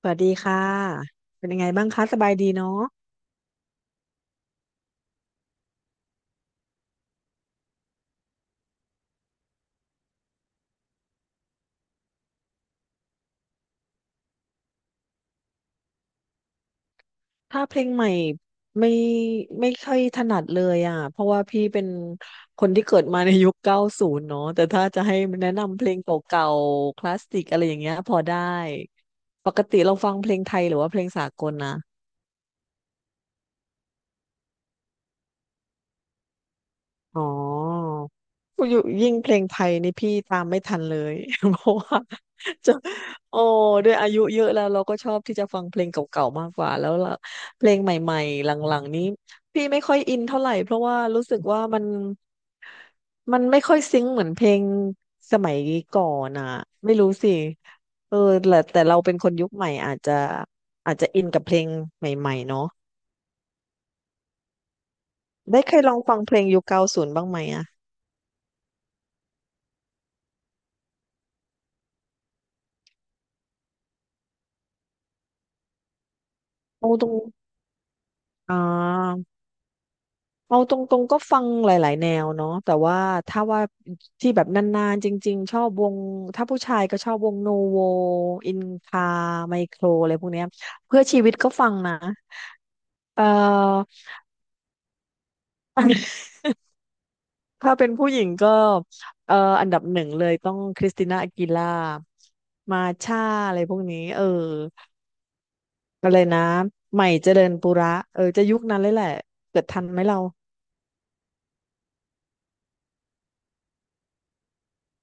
สวัสดีค่ะ เป็นยังไงบ้างคะสบายดีเนาะถ้าเพลงใหม่ไม่ไม่ค่อยถนัดเลยอ่ะเพราะว่าพี่เป็นคนที่เกิดมาในยุค 90 เนาะแต่ถ้าจะให้แนะนำเพลงเก่าๆคลาสสิกอะไรอย่างเงี้ยพอได้ ปกติเราฟังเพลงไทยหรือว่าเพลงสากลนะ อ๋ออยู่ยิ่งเพลงไทยนี่พี่ตามไม่ทันเลย เพราะว่าจะโอ้ด้วยอายุเยอะแล้วเราก็ชอบที่จะฟังเพลงเก่าๆมากกว่าแล้วละเพลงใหม่ๆหลังๆนี้พี่ไม่ค่อยอินเท่าไหร่เพราะว่ารู้สึกว่ามันไม่ค่อยซิงค์เหมือนเพลงสมัยก่อนอ่ะไม่รู้สิเออแต่เราเป็นคนยุคใหม่อาจจะอินกับเพลงใหม่ๆเนาะได้เคยลองฟังเพลงยุคเก้าศูนย์บ้างไหมอ่ะโอ้ตรงอ่า เอาตรงๆก็ฟังหลายๆแนวเนาะแต่ว่าถ้าว่าที่แบบนานๆจริงๆชอบวงถ้าผู้ชายก็ชอบวงโนโวอินคาไมโครอะไรพวกเนี้ยเพื่อชีวิตก็ฟังนะเอ่อ ถ้าเป็นผู้หญิงก็เอ่ออันดับหนึ่งเลยต้องคริสติน่าอากีล่ามาช่าอะไรพวกนี้เอออะไรนะใหม่เจริญปุระเออจะยุคนั้นเลยแหละเกิดทันไหมเรา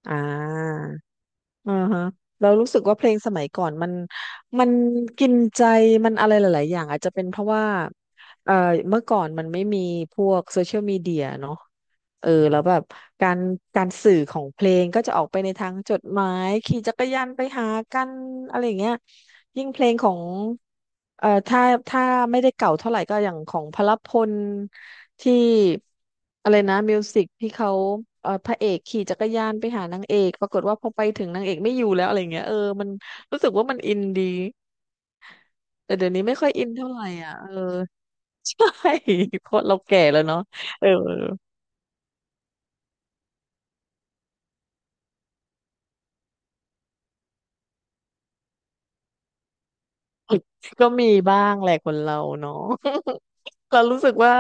อ่า อ่าฮะเรารู้สึกว่าเพลงสมัยก่อนมันกินใจมันอะไรหลายๆอย่างอาจจะเป็นเพราะว่าเอ่อเมื่อก่อนมันไม่มีพวกโซเชียลมีเดียเนาะ เออแล้วแบบการการสื่อของเพลงก็จะออกไปในทางจดหมายขี่จักรยานไปหากันอะไรอย่างเงี้ยยิ่งเพลงของเอ่อถ้าถ้าไม่ได้เก่าเท่าไหร่ก็อย่างของพหลพลที่อะไรนะมิวสิกที่เขาพระเอกขี่จักรยานไปหานางเอกปรากฏว่าพอไปถึงนางเอกไม่อยู่แล้วอะไรเงี้ยเออมันรู้สึกว่ามันอินดีแต่เดี๋ยวนี้ไม่ค่อยอินเท่าไหร่อ่ะเออ ใช่ เพราะเราแก่แล้วเนาะเออ ก็มีบ้างแหละคนเราเนาะ เรารู้สึกว่า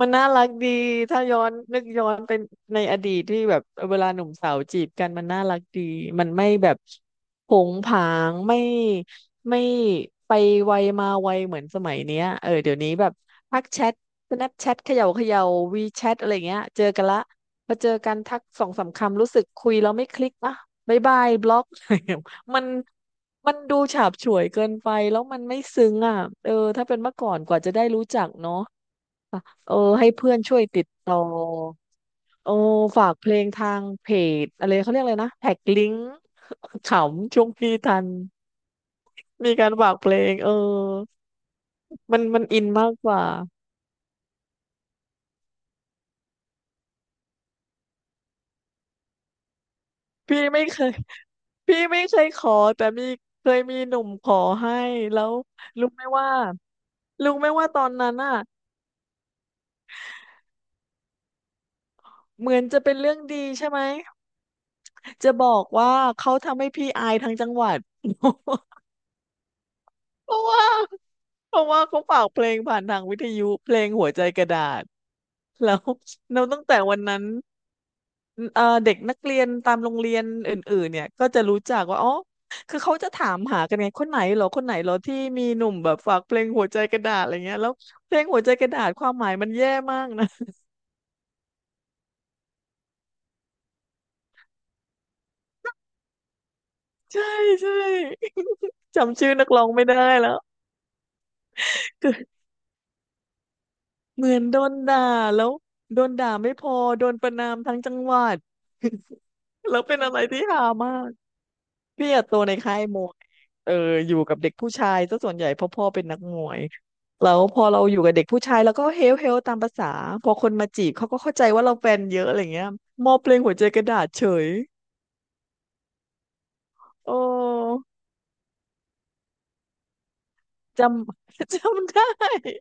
มันน่ารักดีถ้าย้อนนึกย้อนเป็นในอดีตที่แบบเวลาหนุ่มสาวจีบกันมันน่ารักดีมันไม่แบบผงผางไม่ไปไวมาไวเหมือนสมัยเนี้ยเออเดี๋ยวนี้แบบทักแชท Snapchat เขย่าวีแชทอะไรเงี้ยเจอกันละพอเจอกันทักสองสามคำรู้สึกคุยแล้วไม่คลิกนะบ๊ายบายบล็อก มันมันดูฉาบฉวยเกินไปแล้วมันไม่ซึ้งอ่ะเออถ้าเป็นเมื่อก่อนกว่าจะได้รู้จักเนาะอ่ะเออให้เพื่อนช่วยติดต่อเออฝากเพลงทางเพจอะไรเขาเรียกอะไรนะแท็กลิงก์ ขำช่วงพี่ทันมีการฝากเพลงเออมันอินมากกว่าพี่ไม่เคย พี่ไม่เคยขอแต่มีเคยมีหนุ่มขอให้แล้วรู้ไหมว่ารู้ไหมว่าตอนนั้นอ่ะ เหมือนจะเป็นเรื่องดีใช่ไหม จะบอกว่าเขาทำให้พี่อายทั้งจังหวัด เพราะว่าเพราะว่าเขาฝากเพลงผ่านทางวิทยุเพลงหัวใจกระดาษแล้วตั้งแต่วันนั้นเด็กนักเรียนตามโรงเรียนอื่นๆเนี่ยก็จะรู้จักว่าอ๋อคือเขาจะถามหากันไงคนไหนเหรอที่มีหนุ่มแบบฝากเพลงหัวใจกระดาษอะไรเงี้ยแล้วเพลงหัวใจกระดาษความหมายมันแย่มากนะ ใช่ใช่ จำชื่อนักร้องไม่ได้แล้ว เหมือนโดนด่าแล้วโดนด่าไม่พอโดนประณามทั้งจังหวัด แล้วเป็นอะไรที่ฮามากพี่อะโตในค่ายมวยเอออยู่กับเด็กผู้ชายซะส่วนใหญ่เพราะพ่อเป็นนักมวยแล้วพอเราอยู่กับเด็กผู้ชายแล้วก็เฮลตามภาษาพอคนมาจีบเขาก็เข้าใจว่าเราแฟนเยอะอะไรเงี้ยมอบเพลงหัวใจกระดาษเฉยโอ้ จำ จำได้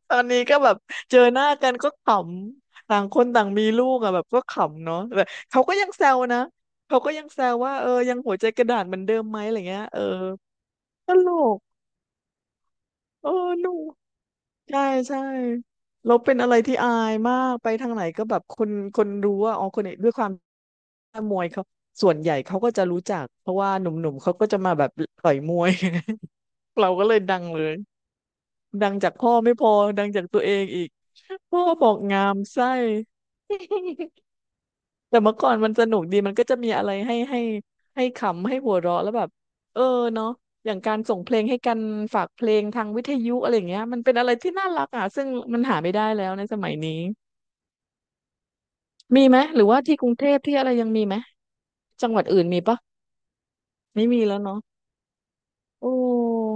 ตอนนี้ก็แบบเจอหน้ากันก็ขำต่างคนต่างมีลูกอะแบบก็ขำเนาะแบบเขาก็ยังแซวนะเขาก็ยังแซวว่าเออยังหัวใจกระดาษเหมือนเดิมไหมอะไรเงี้ยเออตลกเออหนูใช่ใช่เราเป็นอะไรที่อายมากไปทางไหนก็แบบคนรู้ว่าอ๋อคนนี้ด้วยความมวยเขาส่วนใหญ่เขาก็จะรู้จักเพราะว่าหนุ่มๆเขาก็จะมาแบบต่อยมวย เราก็เลยดังเลยดังจากพ่อไม่พอดังจากตัวเองอีก พ่อบอกงามไส้แต่เมื่อก่อนมันสนุกดีมันก็จะมีอะไรให้ขำให้หัวเราะแล้วแบบเออเนาะอย่างการส่งเพลงให้กันฝากเพลงทางวิทยุอะไรอย่างเงี้ยมันเป็นอะไรที่น่ารักอ่ะซึ่งมันหาไม่ได้แล้วในสมัยนี้มีไหมหรือว่าที่กรุงเทพที่อะไรยังมีไหมจังหวัดอื่นมีปะไม่มีแล้วเนาะโอ้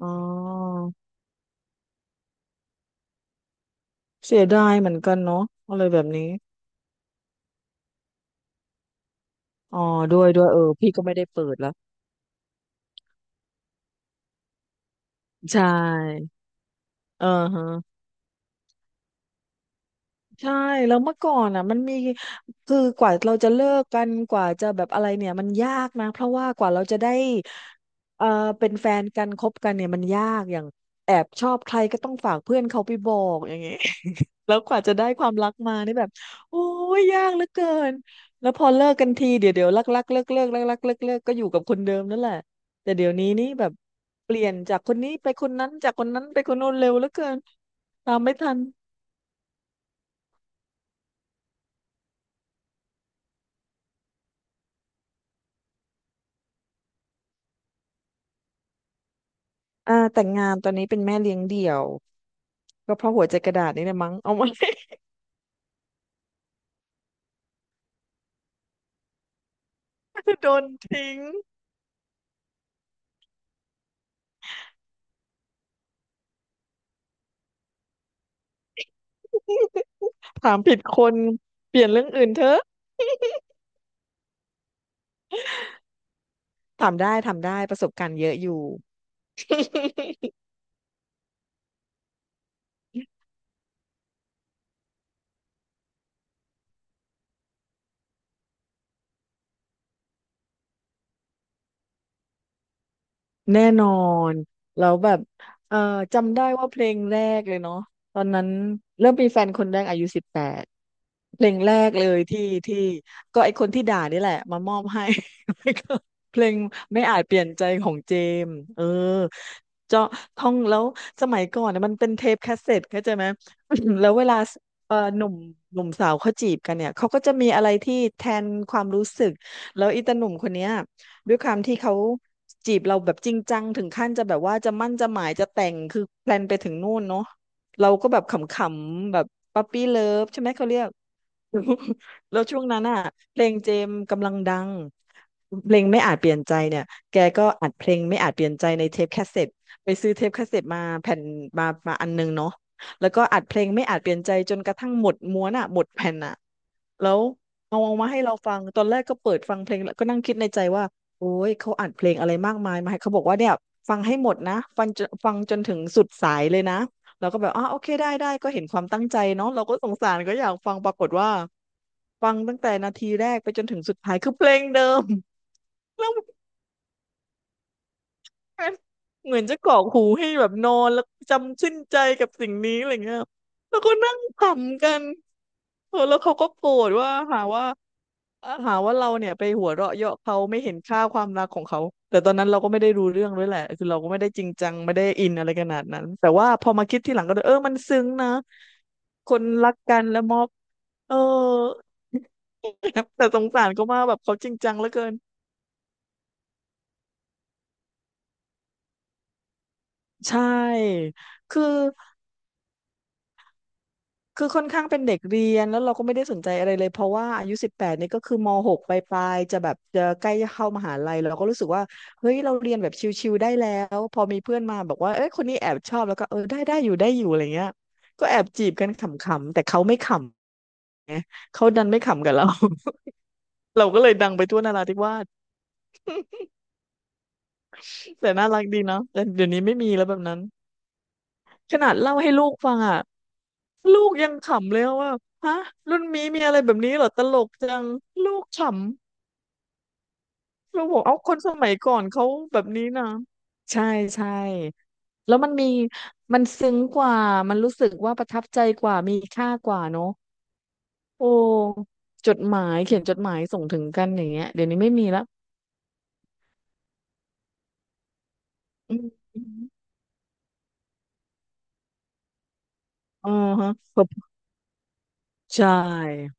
อ๋อเสียดายเหมือนกันเนาะอะไรแบบนี้อ๋อด้วยด้วยเออพี่ก็ไม่ได้เปิดแล้วใช่เออฮะ ใช่แล้วเมื่อก่อนอ่ะมันมีคือกว่าเราจะเลิกกันกว่าจะแบบอะไรเนี่ยมันยากนะเพราะว่ากว่าเราจะได้เอ่อเป็นแฟนกันคบกันเนี่ยมันยากอย่างแอบชอบใครก็ต้องฝากเพื่อนเขาไปบอกอย่างเงี้ย แล้วกว่าจะได้ความรักมานี่แบบโอ้ยยากเหลือเกินแล้วพอเลิกกันทีเดี๋ยวรักรักเลิกเลิกรักรักเลิกเลิกก็อยู่กับคนเดิมนั่นแหละแต่เดี๋ยวนี้นี่แบบเปลี่ยนจากคนนี้ไปคนนั้นจากคนนั้นไปคนโน้นเร็วเหลือเกินตามไม่ทัน อ่าแต่งงานตอนนี้เป็นแม่เลี้ยงเดี่ยวก็เพราะหัวใจกระดาษนี่แหละมั้งเอามา โดนทิ้งถามผิดคนเปลี่ยนเรื่องอื่นเถอะถามได้ถามได้ประสบการณ์เยอะอยู่ แน่นอนแล้วแบบเอ่อจำได้ว่าเพลงแรกเลยเนาะตอนนั้นเริ่มมีแฟนคนแรกอายุสิบแปด เพลงแรกเลยที่ก็ไอคนที่ด่านี่แหละมามอบให้ แล้วก็เพลงไม่อาจเปลี่ยนใจของเจมส์เออเจาะท่องแล้วสมัยก่อนนะมันเป็นเทปแคสเซ็ตเข้าใจไหม แล้วเวลาเออหนุ่มหนุ่มสาวเขาจีบกันเนี่ยเขาก็จะมีอะไรที่แทนความรู้สึกแล้วอีตาหนุ่มคนเนี้ยด้วยความที่เขาจีบเราแบบจริงจังถึงขั้นจะแบบว่าจะมั่นจะหมายจะแต่งคือแพลนไปถึงนู่นเนาะเราก็แบบขำๆแบบปั๊ปปี้เลิฟใช่ไหมเขาเรียก รู้แล้วช่วงนั้นอ่ะเพลงเจมส์กำลังดังเพลงไม่อาจเปลี่ยนใจเนี่ยแกก็อัดเพลงไม่อาจเปลี่ยนใจในเทปแคสเซ็ตไปซื้อเทปแคสเซ็ตมาแผ่นมาอันนึงเนาะแล้วก็อัดเพลงไม่อาจเปลี่ยนใจจนกระทั่งหมดม้วนอ่ะหมดแผ่นอ่ะแล้วเอาออกมาให้เราฟังตอนแรกก็เปิดฟังเพลงแล้วก็นั่งคิดในใจว่าโอ้ยเขาอัดเพลงอะไรมากมายมาให้เขาบอกว่าเนี่ยฟังให้หมดนะฟังจนถึงสุดสายเลยนะ เราก็แบบอ่าโอเคได้ได้ก็เห็นความตั้งใจเนาะเราก็สงสารก็อยากฟังปรากฏว่าฟังตั้งแต่นาทีแรกไปจนถึงสุดท้ายคือเพลงเดิม แล้วมันเหมือนจะกรอกหูให้แบบนอนแล้วจำชื่นใจกับสิ่งนี้อะไรเงี้ยแล้วก็นั่งขำกันเออแล้วเขาก็โกรธว่าหาว่า อะหาว่าเราเนี่ยไปหัวเราะเยาะเขาไม่เห็นค่าความรักของเขาแต่ตอนนั้นเราก็ไม่ได้รู้เรื่องด้วยแหละคือเราก็ไม่ได้จริงจังไม่ได้อินอะไรขนาดนั้นแต่ว่าพอมาคิดที่หลังก็เลยเออมันซึ้งนะคนรักกันแล้วมอบเออ แต่สงสารเขามากแบบเขาจริงจังเหลือเกินใช่คือ คือค่อนข้างเป็นเด็กเรียนแล้วเราก็ไม่ได้สนใจอะไรเลยเพราะว่าอายุสิบแปดนี่ก็คือมหกปลายๆจะแบบจะใกล้จะเข้ามหาลัยเราก็รู้สึกว่าเฮ้ยเราเรียนแบบชิวๆได้แล้วพอมีเพื่อนมาบอกว่าเอ้ยคนนี้แอบชอบแล้วก็เออได้ได้อยู่ได้อยู่อะไรเงี้ยก็แอบจีบกันขำๆแต่เขาไม่ขำเขาดันไม่ขำกับเรา เราก็เลยดังไปทั่วนราธิวาสแต่น่ารักดีเนาะแต่เดี๋ยวนี้ไม่มีแล้วแบบนั้นขนาดเล่าให้ลูกฟังอ่ะลูกยังขำเลยว่าฮะรุ่นนี้มีอะไรแบบนี้เหรอตลกจังลูกขำ เราบอกเอาคนสมัยก่อนเขาแบบนี้นะใช่ใช่แล้วมันมีมันซึ้งกว่ามันรู้สึกว่าประทับใจกว่ามีค่ากว่าเนอะโอ้จดหมายเขียนจดหมายส่งถึงกันอย่างเงี้ยเดี๋ยวนี้ไม่มีละอืมอ๋อฮะใช่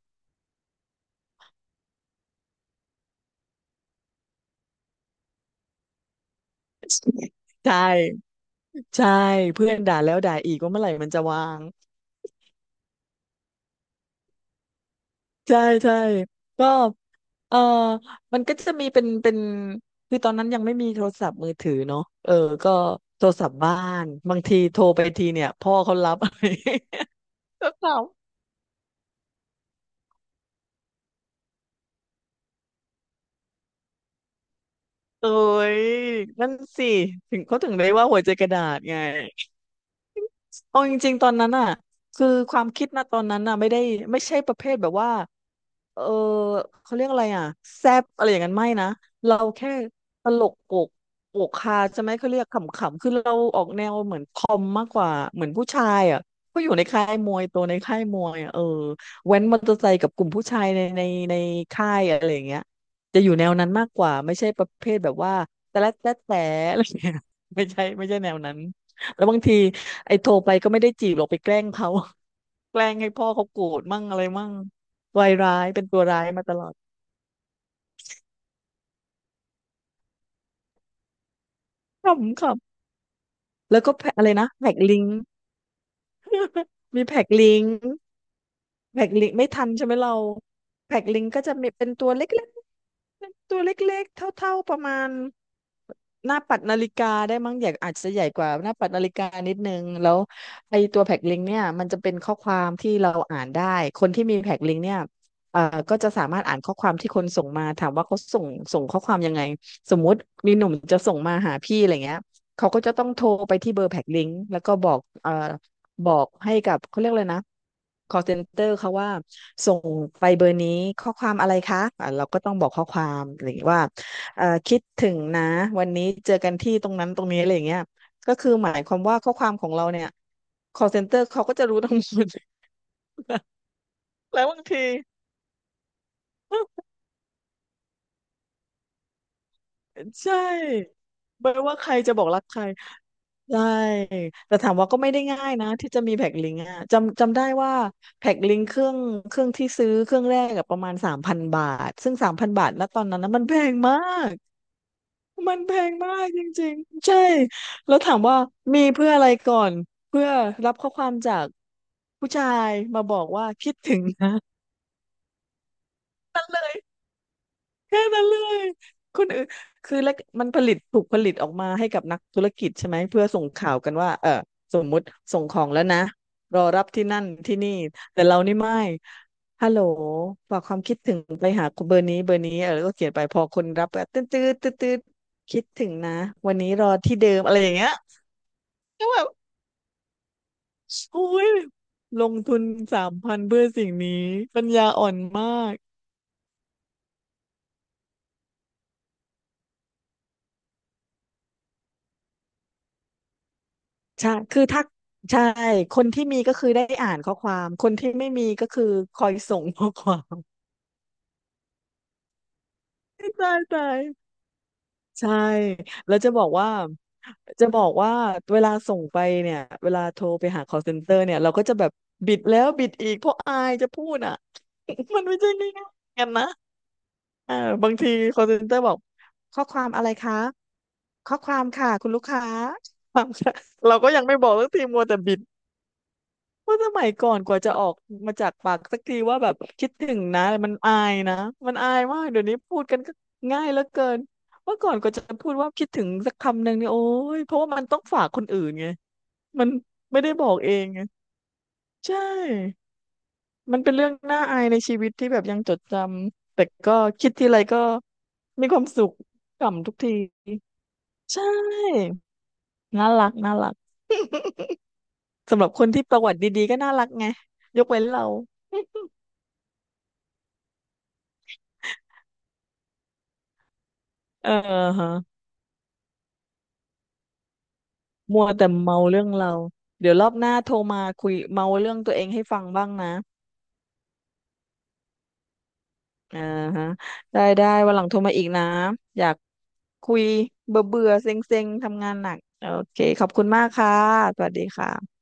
ใช่ใช่เพื่อนด่าแล้วด่าอีกว่าเมื่อไหร่มันจะวางใช่ใช่ก็ เออมันก็จะมีเป็นคือตอนนั้นยังไม่มีโทรศัพท์มือถือเนาะเออก็โทรศัพท์บ้านบางทีโทรไปทีเนี่ยพ่อเขารับ ก็ถามโอ้ยนั่นสิถึงเขาถึงได้ว่าหัวใจกระดาษไง เอาจริงๆตอนนั้นอ่ะคือความคิดนะตอนนั้นอ่ะไม่ได้ไม่ใช่ประเภทแบบว่าเออเขาเรียกอะไรอ่ะแซบอะไรอย่างนั้นไม่นะเราแค่ตลกโปกฮาใช่ไหมเขาเรียกขำๆคือเราออกแนวเหมือนคอมมากกว่าเหมือนผู้ชายอ่ะก็อยู่ในค่ายมวยตัวในค่ายมวยอ่ะแว้นมอเตอร์ไซค์กับกลุ่มผู้ชายในค่ายอะไรอย่างเงี้ยจะอยู่แนวนั้นมากกว่าไม่ใช่ประเภทแบบว่าแต่ละแต่แต่อะไรอย่างเงี้ยไม่ใช่แนวนั้น แล้วบางทีไอ้โทรไปก็ไม่ได้จีบหรอกไปแกล้งเขา แกล้งให้พ่อเขาโกรธมั่งอะไรมั่งวายร้ายเป็นตัวร้ายมาตลอดขำขำแล้วก็แพ็คอะไรนะแพ็กลิงก์มีแพ็กลิงก์ แพ็กลิงกไม่ทันใช่ไหมเราแพ็กลิงก็จะมีเป็นตัวเล็กๆเป็นตัวเล็กๆเท่าๆประมาณหน้าปัดนาฬิกาได้มั้งอยากอาจจะใหญ่กว่าหน้าปัดนาฬิกานิดนึงแล้วไอตัวแพ็กลิงเนี่ยมันจะเป็นข้อความที่เราอ่านได้คนที่มีแพ็กลิงกเนี่ยเอ่อก็จะสามารถอ่านข้อความที่คนส่งมาถามว่าเขาส่งข้อความยังไงสมมุติมีหนุ่มจะส่งมาหาพี่อะไรเงี้ยเขาก็จะต้องโทรไปที่เบอร์แพ็กลิงแล้วก็บอกบอกให้กับเขาเรียกเลยนะ call center เขาว่าส่งไปเบอร์นี้ข้อความอะไรคะอ่ะเราก็ต้องบอกข้อความอะไรอย่างเงี้ยว่าคิดถึงนะวันนี้เจอกันที่ตรงนั้นตรงนี้อะไรอย่างเงี้ยก็คือหมายความว่าข้อความของเราเนี่ย call center เขาก็จะรู้ทั้งหมด แล้วบางที ใช่ไม่ว่าใครจะบอกรักใคร ใช่แต่ถามว่าก็ไม่ได้ง่ายนะที่จะมีแพ็คลิงก์อะจำได้ว่าแพ็คลิงก์เครื่องที่ซื้อเครื่องแรกกับประมาณสามพันบาทซึ่งสามพันบาทแล้วตอนนั้นนะมันแพงมากมันแพงมากจริงๆใช่แล้วถามว่ามีเพื่ออะไรก่อนเพื่อรับข้อความจากผู้ชายมาบอกว่าคิดถึงนะ แค่นั้นเลยคนอื่นคือแล้วมันผลิตถูกผลิตออกมาให้กับนักธุรกิจใช่ไหมเพื่อส่งข่าวกันว่าสมมุติส่งของแล้วนะรอรับที่นั่นที่นี่แต่เรานี่ไม่ฮัลโหลฝากความคิดถึงไปหาเบอร์นี้เบอร์นี้แล้วก็เขียนไปพอคนรับก็ตื้อตื้อตื้อตื้อคิดถึงนะวันนี้รอที่เดิมอะไรอย่างเงี้ยก็แบบโอ้ยลงทุนสามพันเพื่อสิ่งนี้ปัญญาอ่อนมาก ใช่คือถ้าใช่คนที่มีก็คือได้อ่านข้อความคนที่ไม่มีก็คือคอยส่งข้อความ ตายตายใช่แล้วจะบอกว่าจะบอกว่าเวลาส่งไปเนี่ยเวลาโทรไปหา call center เนี่ยเราก็จะแบบบิดแล้วบิดอีกเพราะอายจะพูดอ่ะ มันไม่ใช่ง่ายๆกันนะเออบางที call center บอกข้อความอะไรคะข้อความค่ะคุณลูกค้าความค่ะ เราก็ยังไม่บอกสักทีมัวแต่บิด ว่าสมัยก่อนกว่าจะออกมาจากปากสักทีว่าแบบคิดถึงนะมันอายนะมันอายมากเดี๋ยวนี้พูดกันก็ง่ายเหลือเกินเมื่อก่อนกว่าจะพูดว่าคิดถึงสักคำหนึ่งเนี่ยโอ้ยเพราะว่ามันต้องฝากคนอื่นไงมันไม่ได้บอกเองไงใช่มันเป็นเรื่องน่าอายในชีวิตที่แบบยังจดจำแต่ก็คิดทีไรก็มีความสุขขำทุกทีใช่น่ารักน่ารักสำหรับคนที่ประวัติดีๆก็น่ารักไงยกเว้นเราเออฮะ มัวแต่เมาเรื่องเราเดี๋ยวรอบหน้าโทรมาคุยเมาเรื่องตัวเองให้ฟังบ้างนะอ่าฮะได้ได้วันหลังโทรมาอีกนะอยากคุยเบื่อเบื่อเซ็งเซ็งๆทำงานหนักโอเคขอบคุณมากค่ะสวัสดีค่ะ